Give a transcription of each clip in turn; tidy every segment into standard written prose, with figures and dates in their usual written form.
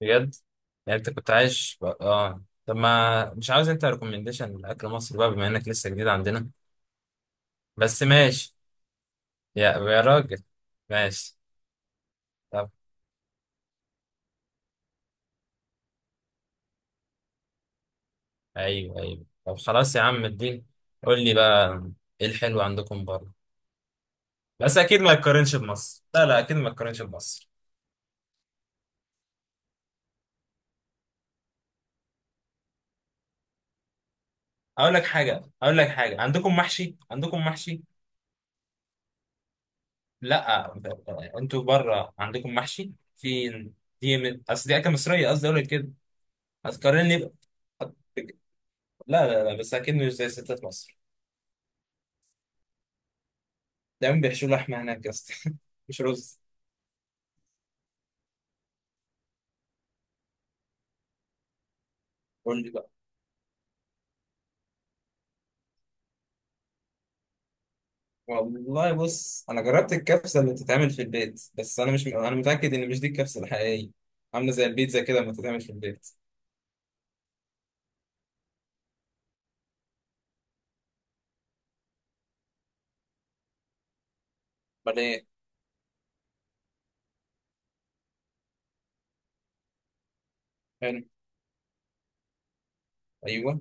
بجد؟ يعني انت كنت عايش بقى. اه، طب ما مش عاوز انت ريكومنديشن لاكل مصر بقى بما انك لسه جديد عندنا؟ بس ماشي. يا راجل. ماشي. طب، ايوه ايوه، طب خلاص يا عم الدين، قول لي بقى، ايه الحلو عندكم بره؟ بس اكيد ما يتقارنش بمصر، لا لا، اكيد ما يتقارنش بمصر. اقول لك حاجه، عندكم محشي؟ لا، انتوا بره عندكم محشي؟ في، دي اصل دي اكله مصريه، قصدي اقول لك كده. هتقارن لي؟ لا لا لا، بس اكيد مش زي ستات مصر. دايما بيحشوا لحمه هناك يا اسطى. مش رز. قول لي بقى. والله بص انا جربت الكبسه اللي بتتعمل في البيت، بس انا مش انا متاكد ان مش دي الكبسه الحقيقيه. عامله زي البيتزا كده لما تتعمل في البيت. امال ايه؟ حلو. ايوه.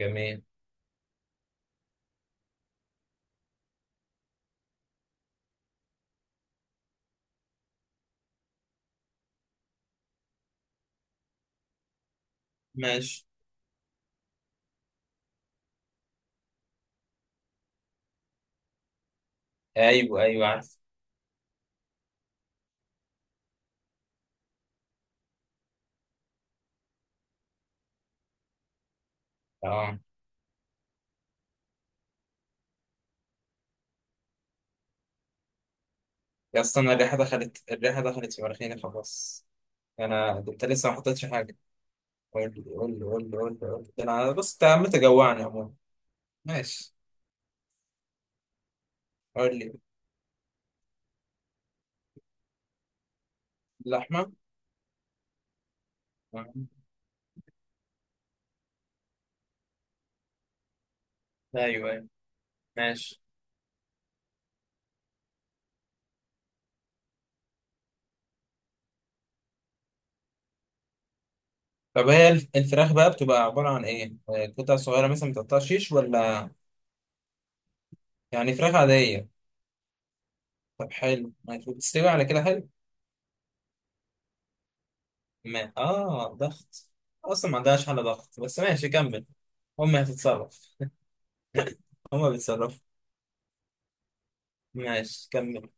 جميل. ماشي. ايوه ايوه، عارف. اه يا اسطى، انا الريحه دخلت، الريحه دخلت في مناخيري خلاص. انت لسه ما حطيتش حاجه. قول لي قول لي قول لي قول لي قول لي. انا بص، انت عمال تجوعني عموما. ماشي. قول لي. اللحمه. آه. ايوه ايوه. ماشي. طب هي الفراخ بقى بتبقى عبارة عن ايه؟ قطع صغيرة مثلا متقطعة شيش، ولا يعني فراخ عادية؟ طب حلو، ماشي، بتستوي على كده حلو؟ ما اه، ضغط؟ اصلا ما عندهاش حالة ضغط، بس ماشي كمل. هم هتتصرف. هم بيتصرفوا. ماشي كمل.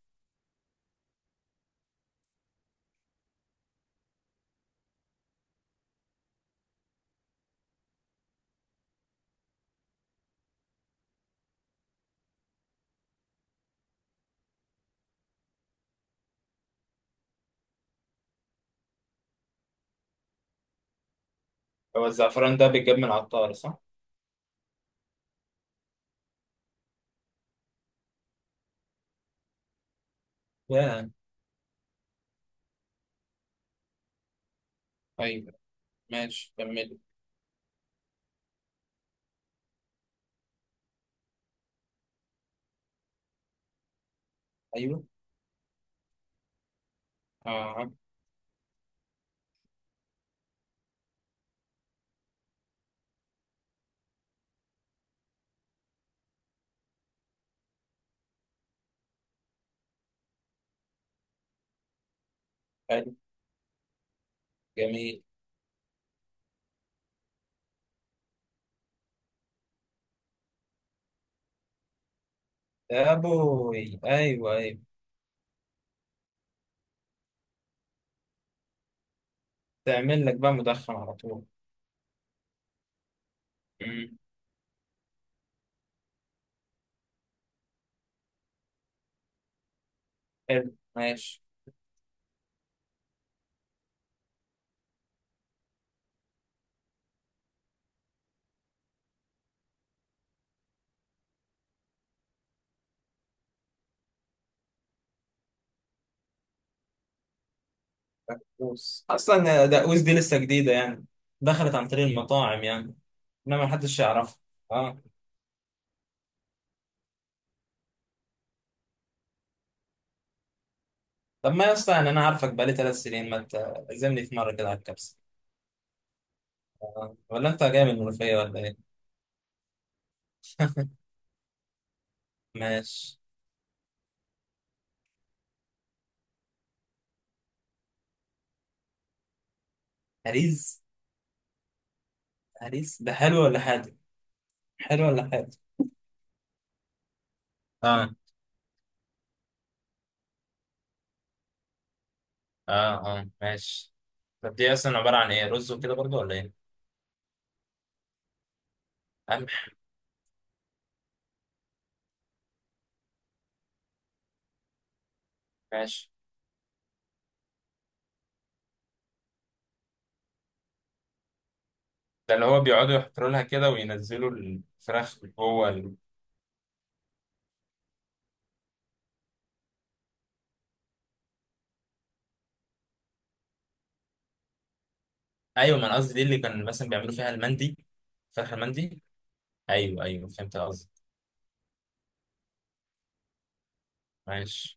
هو الزعفران ده بيتجاب من العطار صح؟ يا. ايوه. ماشي كمل. ايوه. اه. حلو. جميل. يا ابوي، ايوه ايوه. تعمل لك بقى مدخن على طول. مم. حلو، ماشي. بوس، اصلا دقوس دي لسه جديده يعني، دخلت عن طريق المطاعم يعني، انما محدش يعرفها. اه. طب ما يا اسطى، يعني انا عارفك بقالي 3 سنين، ما تعزمني في مره كده على الكبسه؟ آه. ولا انت جاي من المنوفيه ولا ايه؟ ماشي. هريز. هريز ده حلو ولا حادق؟ حلو ولا حادق؟ اه. اه. اه ماشي. طب دي اصلا عباره عن ايه، رز وكده برضه ولا ايه؟ قمح. ماشي. ده اللي هو بيقعدوا يحطوا لها كده وينزلوا الفراخ جوه؟ ايوه، ما انا قصدي دي اللي كان مثلا بيعملوا فيها المندي. فاكر المندي؟ ايوه ايوه، فهمت قصدي. معلش.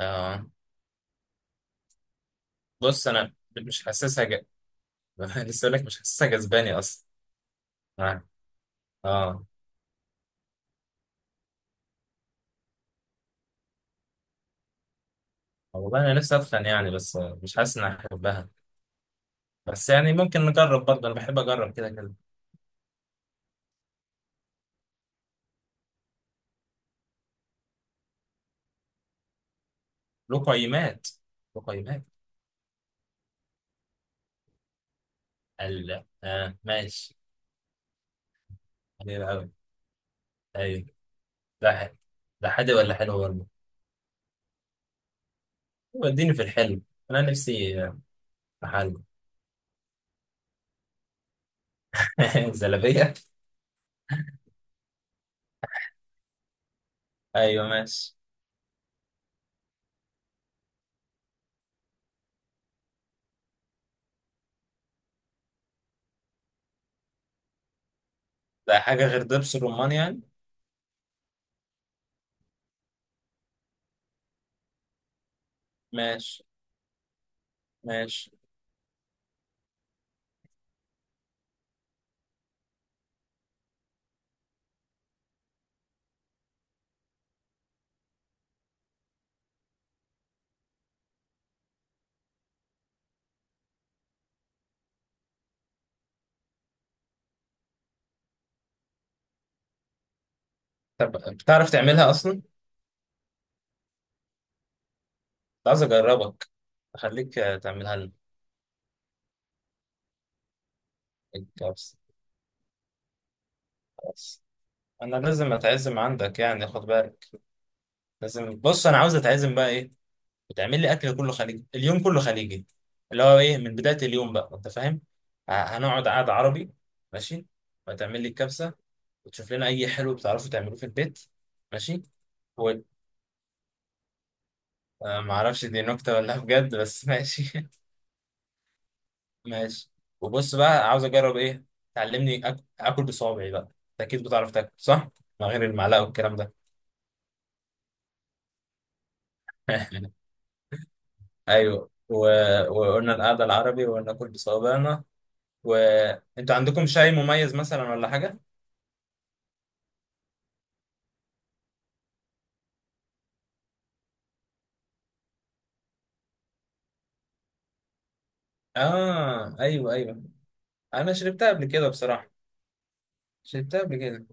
آه بص انا مش حاسسها لسه اقول لك مش حاسسها جذباني اصلا. اه. اه. والله انا نفسي اتخن يعني، بس مش حاسس اني احبها. بس يعني ممكن نجرب برضه، انا بحب اجرب كده كده. له قيمات. له قيمات. ال، اه، ماشي. حلو قوي. ايوه. ده حلو؟ ده حادق ولا حلو برضه؟ وديني في الحلو. انا نفسي في حلو. زلابيه. ايوه ماشي. ده حاجة غير دبس الرمان يعني؟ ماشي ماشي. طب بتعرف تعملها أصلا؟ كنت عايز أجربك، أخليك، تعملها لنا الكبسة. خلاص. أنا لازم أتعزم عندك يعني، خد بالك. لازم. بص، أنا عاوز أتعزم بقى إيه؟ بتعمل لي أكل كله خليجي، اليوم كله خليجي، اللي هو إيه، من بداية اليوم بقى، أنت فاهم؟ هنقعد قعدة عربي، ماشي؟ وتعمل لي الكبسة، وتشوف لنا أي حلو بتعرفوا تعملوه في البيت، ماشي؟ و... آه، معرفش دي نكتة ولا بجد، بس ماشي. ماشي. وبص بقى، عاوز اجرب ايه، تعلمني اكل بصوابعي بقى، انت اكيد بتعرف تاكل صح؟ من غير المعلقه والكلام ده. ايوه. و... وقلنا القعده العربي، وقلنا اكل بصوابعنا. وانتوا عندكم شاي مميز مثلا ولا حاجه؟ اه ايوه ايوه، انا شربتها قبل كده بصراحه. شربتها قبل كده.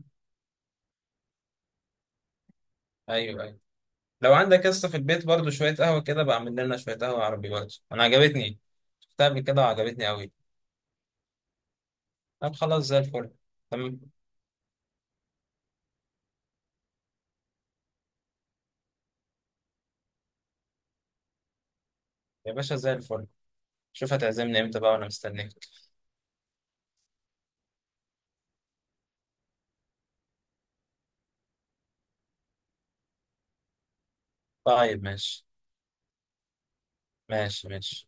ايوه ايوه. لو عندك قصه في البيت برضو شويه قهوه، كده بعمل لنا شويه قهوه عربي برضو، انا عجبتني. شفتها قبل كده وعجبتني قوي. طب خلاص زي الفل. تمام. يا باشا زي الفل. شوف هتعزمني امتى بقى وانا مستنيك. طيب ماشي. ماشي ماشي.